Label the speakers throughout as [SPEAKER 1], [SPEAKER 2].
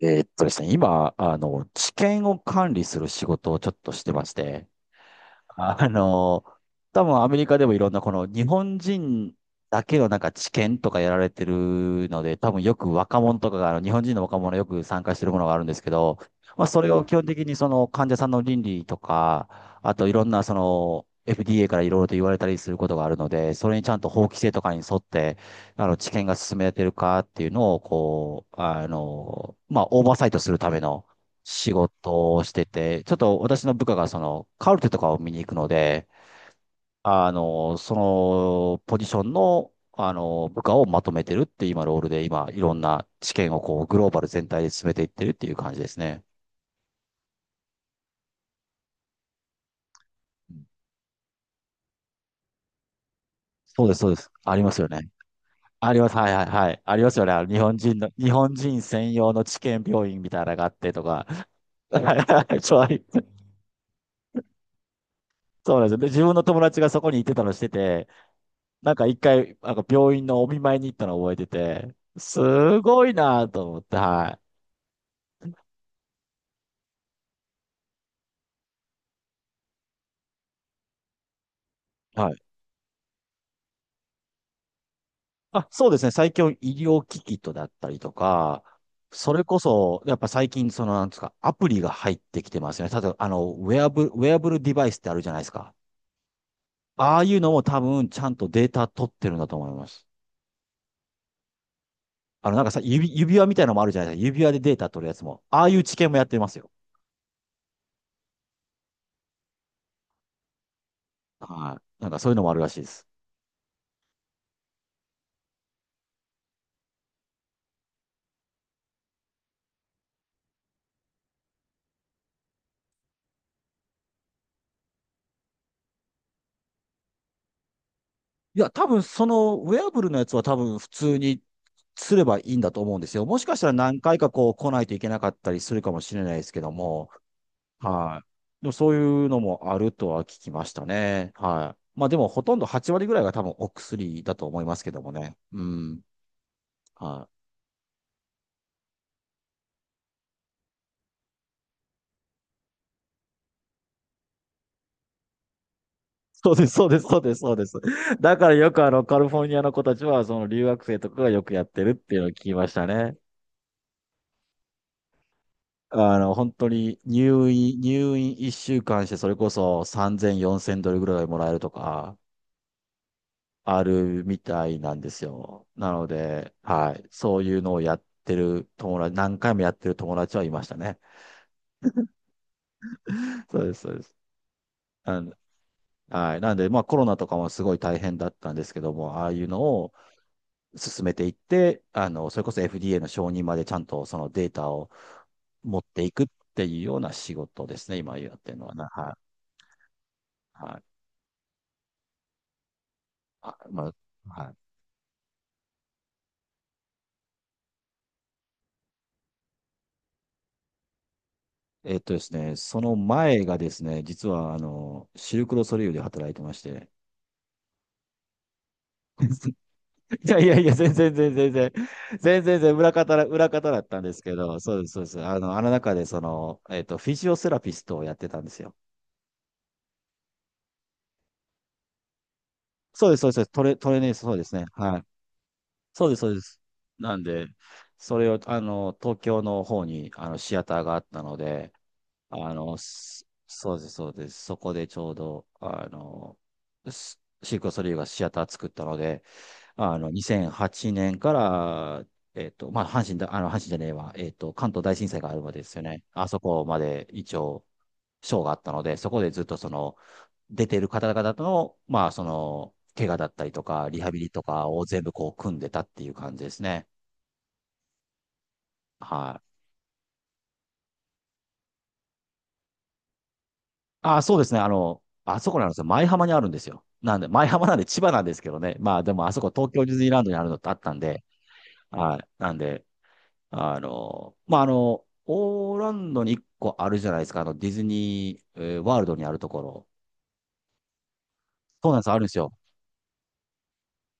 [SPEAKER 1] ですね、今、治験を管理する仕事をちょっとしてまして、あの、多分アメリカでもいろんなこの日本人だけのなんか知見とかやられてるので、多分よく若者とかが、あの日本人の若者よく参加してるものがあるんですけど、まあそれを基本的にその患者さんの倫理とか、あといろんなその FDA からいろいろと言われたりすることがあるので、それにちゃんと法規制とかに沿って、知見が進められてるかっていうのを、こう、オーバーサイトするための仕事をしてて、ちょっと私の部下がそのカルテとかを見に行くので、そのポジションの、部下をまとめてるっていう今ロールで今いろんな知験をこうグローバル全体で進めていってるっていう感じですね。うん。そうです、そうです。ありますよね。あります。はい、はい、はい。ありますよね。あの日本人の、日本人専用の治験病院みたいなのがあってとか。はい、はい、はい、そう、そうなんですよ。で、自分の友達がそこに行ってたのしてて、なんか一回、なんか病院のお見舞いに行ったのを覚えてて、すごいなと思って、はい。はい。あ、そうですね。最近医療機器とだったりとか、それこそ、やっぱ最近、その、なんですか、アプリが入ってきてますよね。例えば、ウェアブルデバイスってあるじゃないですか。ああいうのも多分、ちゃんとデータ取ってるんだと思います。なんかさ、指輪みたいなのもあるじゃないですか。指輪でデータ取るやつも。ああいう知見もやってますよ。はい。なんかそういうのもあるらしいです。いや、多分そのウェアブルのやつは多分普通にすればいいんだと思うんですよ。もしかしたら何回かこう来ないといけなかったりするかもしれないですけども、はい。でもそういうのもあるとは聞きましたね。はい。まあでもほとんど8割ぐらいが多分お薬だと思いますけどもね。うん。はい。そうです、そうです、そうです、そうです。だからよくあのカリフォルニアの子たちはその留学生とかがよくやってるっていうのを聞きましたね。本当に入院1週間してそれこそ3000、4000ドルぐらいもらえるとか、あるみたいなんですよ。なので、はい。そういうのをやってる友達、何回もやってる友達はいましたね。そうです、そうです。あのはい。なんで、まあコロナとかもすごい大変だったんですけども、ああいうのを進めていって、それこそ FDA の承認までちゃんとそのデータを持っていくっていうような仕事ですね、今やってるのはな。はい。はい。あ、まあ、はい。えっとですね、その前がですね、実は、シルクロソリュールで働いてまして。いやいやいや、全然全然全然、全然全然裏方だったんですけど、そうです、そうです。あの中で、その、フィジオセラピストをやってたんですよ。そうです、そうです。トレーニング、そうですね。はい。そうです、そうです。なんで、それを、東京の方に、シアターがあったので、そうです、そうです。そこでちょうど、シークレットリーがシアター作ったので、2008年から、まあ、阪神だ、阪神じゃねえわ、関東大震災があるまでですよね。あそこまで一応、ショーがあったので、そこでずっとその、出てる方々との、まあ、その、怪我だったりとか、リハビリとかを全部こう、組んでたっていう感じですね。はい。あ、そうですね。あそこなんですよ。舞浜にあるんですよ。なんで、舞浜なんで千葉なんですけどね。まあでもあそこ東京ディズニーランドにあるのってあったんで、はい。なんで、オーランドに一個あるじゃないですか。ディズニー、ワールドにあるところ。そうなんです。あるんですよ。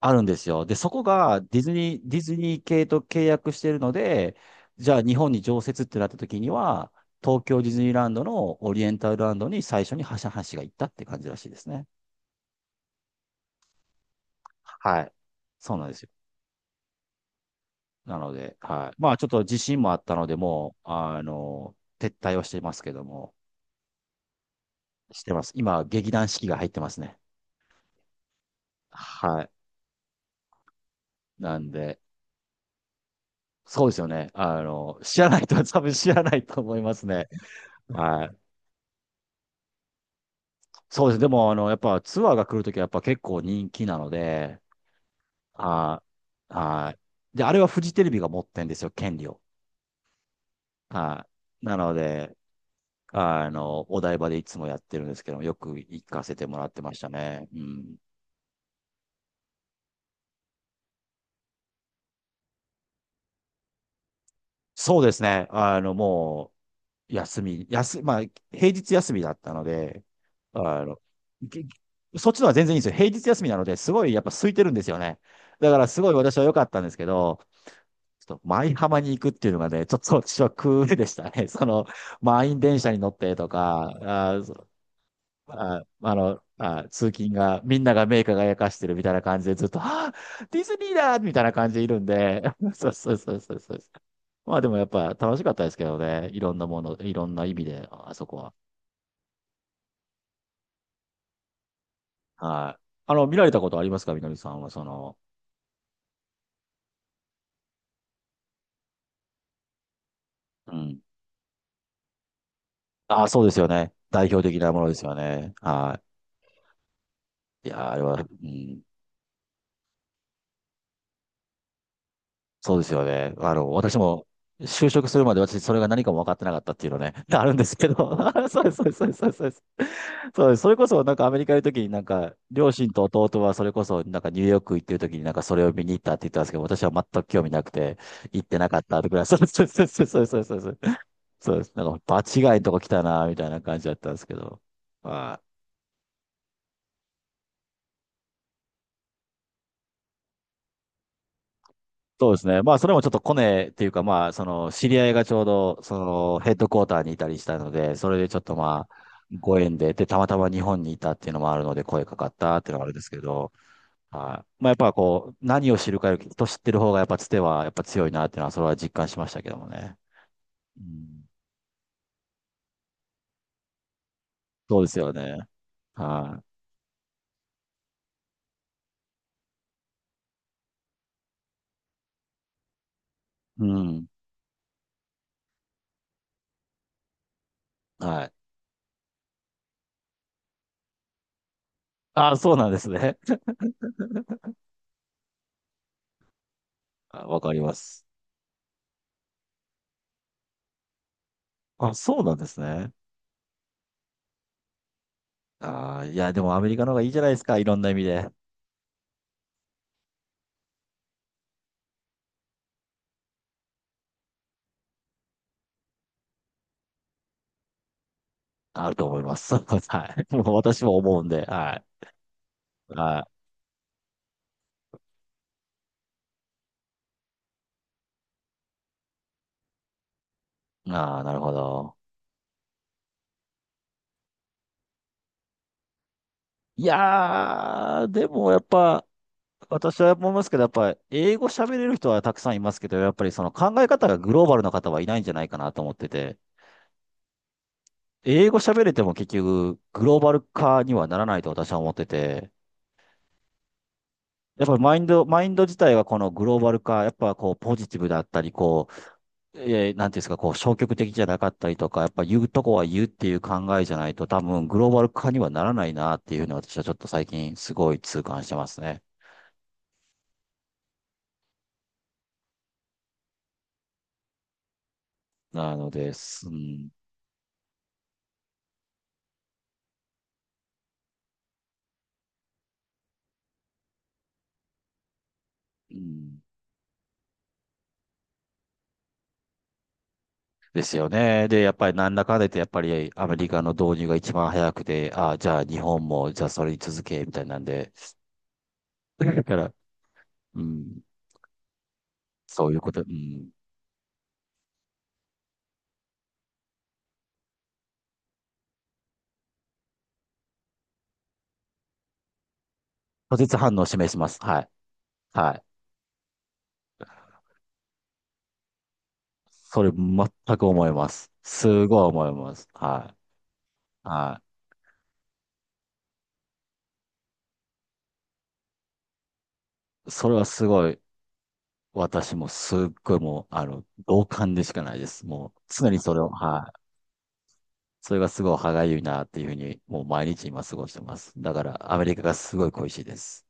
[SPEAKER 1] あるんですよ。で、そこがディズニー系と契約してるので、じゃあ日本に常設ってなった時には、東京ディズニーランドのオリエンタルランドに最初にはしが行ったって感じらしいですね。はい。そうなんですよ。なので、はい。まあ、ちょっと自信もあったので、もう、撤退をしてますけども、してます。今、劇団四季が入ってますね。はい。なんで、そうですよね。知らない人は多分知らないと思いますね。はい。そうです。でも、やっぱツアーが来るときはやっぱ結構人気なので、はい。はい。で、あれはフジテレビが持ってんですよ、権利を。はい。なので、お台場でいつもやってるんですけど、よく行かせてもらってましたね。うん。そうですね。もう、休み、休、まあ、平日休みだったので、あの、ぎそっちのは全然いいんですよ。平日休みなので、すごいやっぱ空いてるんですよね。だからすごい私は良かったんですけど、ちょっと舞浜に行くっていうのがね、ちょっと私はクールでしたね。その、満員電車に乗ってとか、通勤が、みんなが目輝かしてるみたいな感じでずっと、ディズニーだみたいな感じでいるんで、そう、そう、そう、そう、そう。まあでもやっぱ楽しかったですけどね、いろんなもの、いろんな意味で、ああそこは。はい。見られたことありますか、みのりさんは、その、うん。ああ、そうですよね。代表的なものですよね。はい。いやー、あれは、うん。そうですよね。私も、就職するまで私、それが何かも分かってなかったっていうのね、あるんですけど、そうです、そうです、そうです、そうです。そうです、そうです。それこそ、なんかアメリカにいるときに、なんか、両親と弟はそれこそ、なんかニューヨーク行ってるときに、なんかそれを見に行ったって言ったんですけど、私は全く興味なくて、行ってなかったとか、そうです、そうです、そうです、そうです、そうです。そうです。なんか、場違いのとこ来たな、みたいな感じだったんですけど。はい。そうですね。まあ、それもちょっとコネっていうか、まあ、その、知り合いがちょうど、その、ヘッドクォーターにいたりしたので、それでちょっとまあ、ご縁で、で、たまたま日本にいたっていうのもあるので、声かかったっていうのはあるんですけど、はい。まあ、やっぱこう、何を知るかより、人知ってる方がやっぱつては、やっぱ強いなっていうのは、それは実感しましたけどもね。うん。そうですよね。はい。うん。はい。あ、そうなんですね。あ、わかります。あ、そうなんですね。あー、いや、でもアメリカの方がいいじゃないですか、いろんな意味で。あると思います。はい。もう私も思うんで、はい。はい。ああ、なるほど。いやー、でもやっぱ、私は思いますけど、やっぱ、英語喋れる人はたくさんいますけど、やっぱりその考え方がグローバルな方はいないんじゃないかなと思ってて、英語喋れても結局、グローバル化にはならないと私は思ってて、やっぱりマインド自体はこのグローバル化、やっぱこう、ポジティブだったり、こう、なんていうんですか、こう、消極的じゃなかったりとか、やっぱ言うとこは言うっていう考えじゃないと、多分グローバル化にはならないなっていうのは私はちょっと最近すごい痛感してますね。なのです。うん。うん。ですよね。で、やっぱりなんだかんだ言って、やっぱりアメリカの導入が一番早くて、ああ、じゃあ日本も、じゃあそれに続け、みたいなんで。だから、うん、そういうこと、うん。拒絶反応を示します。はい。はい。それ全く思います。すごい思います。はい。はい。それはすごい、私もすっごいもう、同感でしかないです。もう、常にそれを、はい。それがすごい歯がゆいなっていうふうに、もう毎日今過ごしてます。だから、アメリカがすごい恋しいです。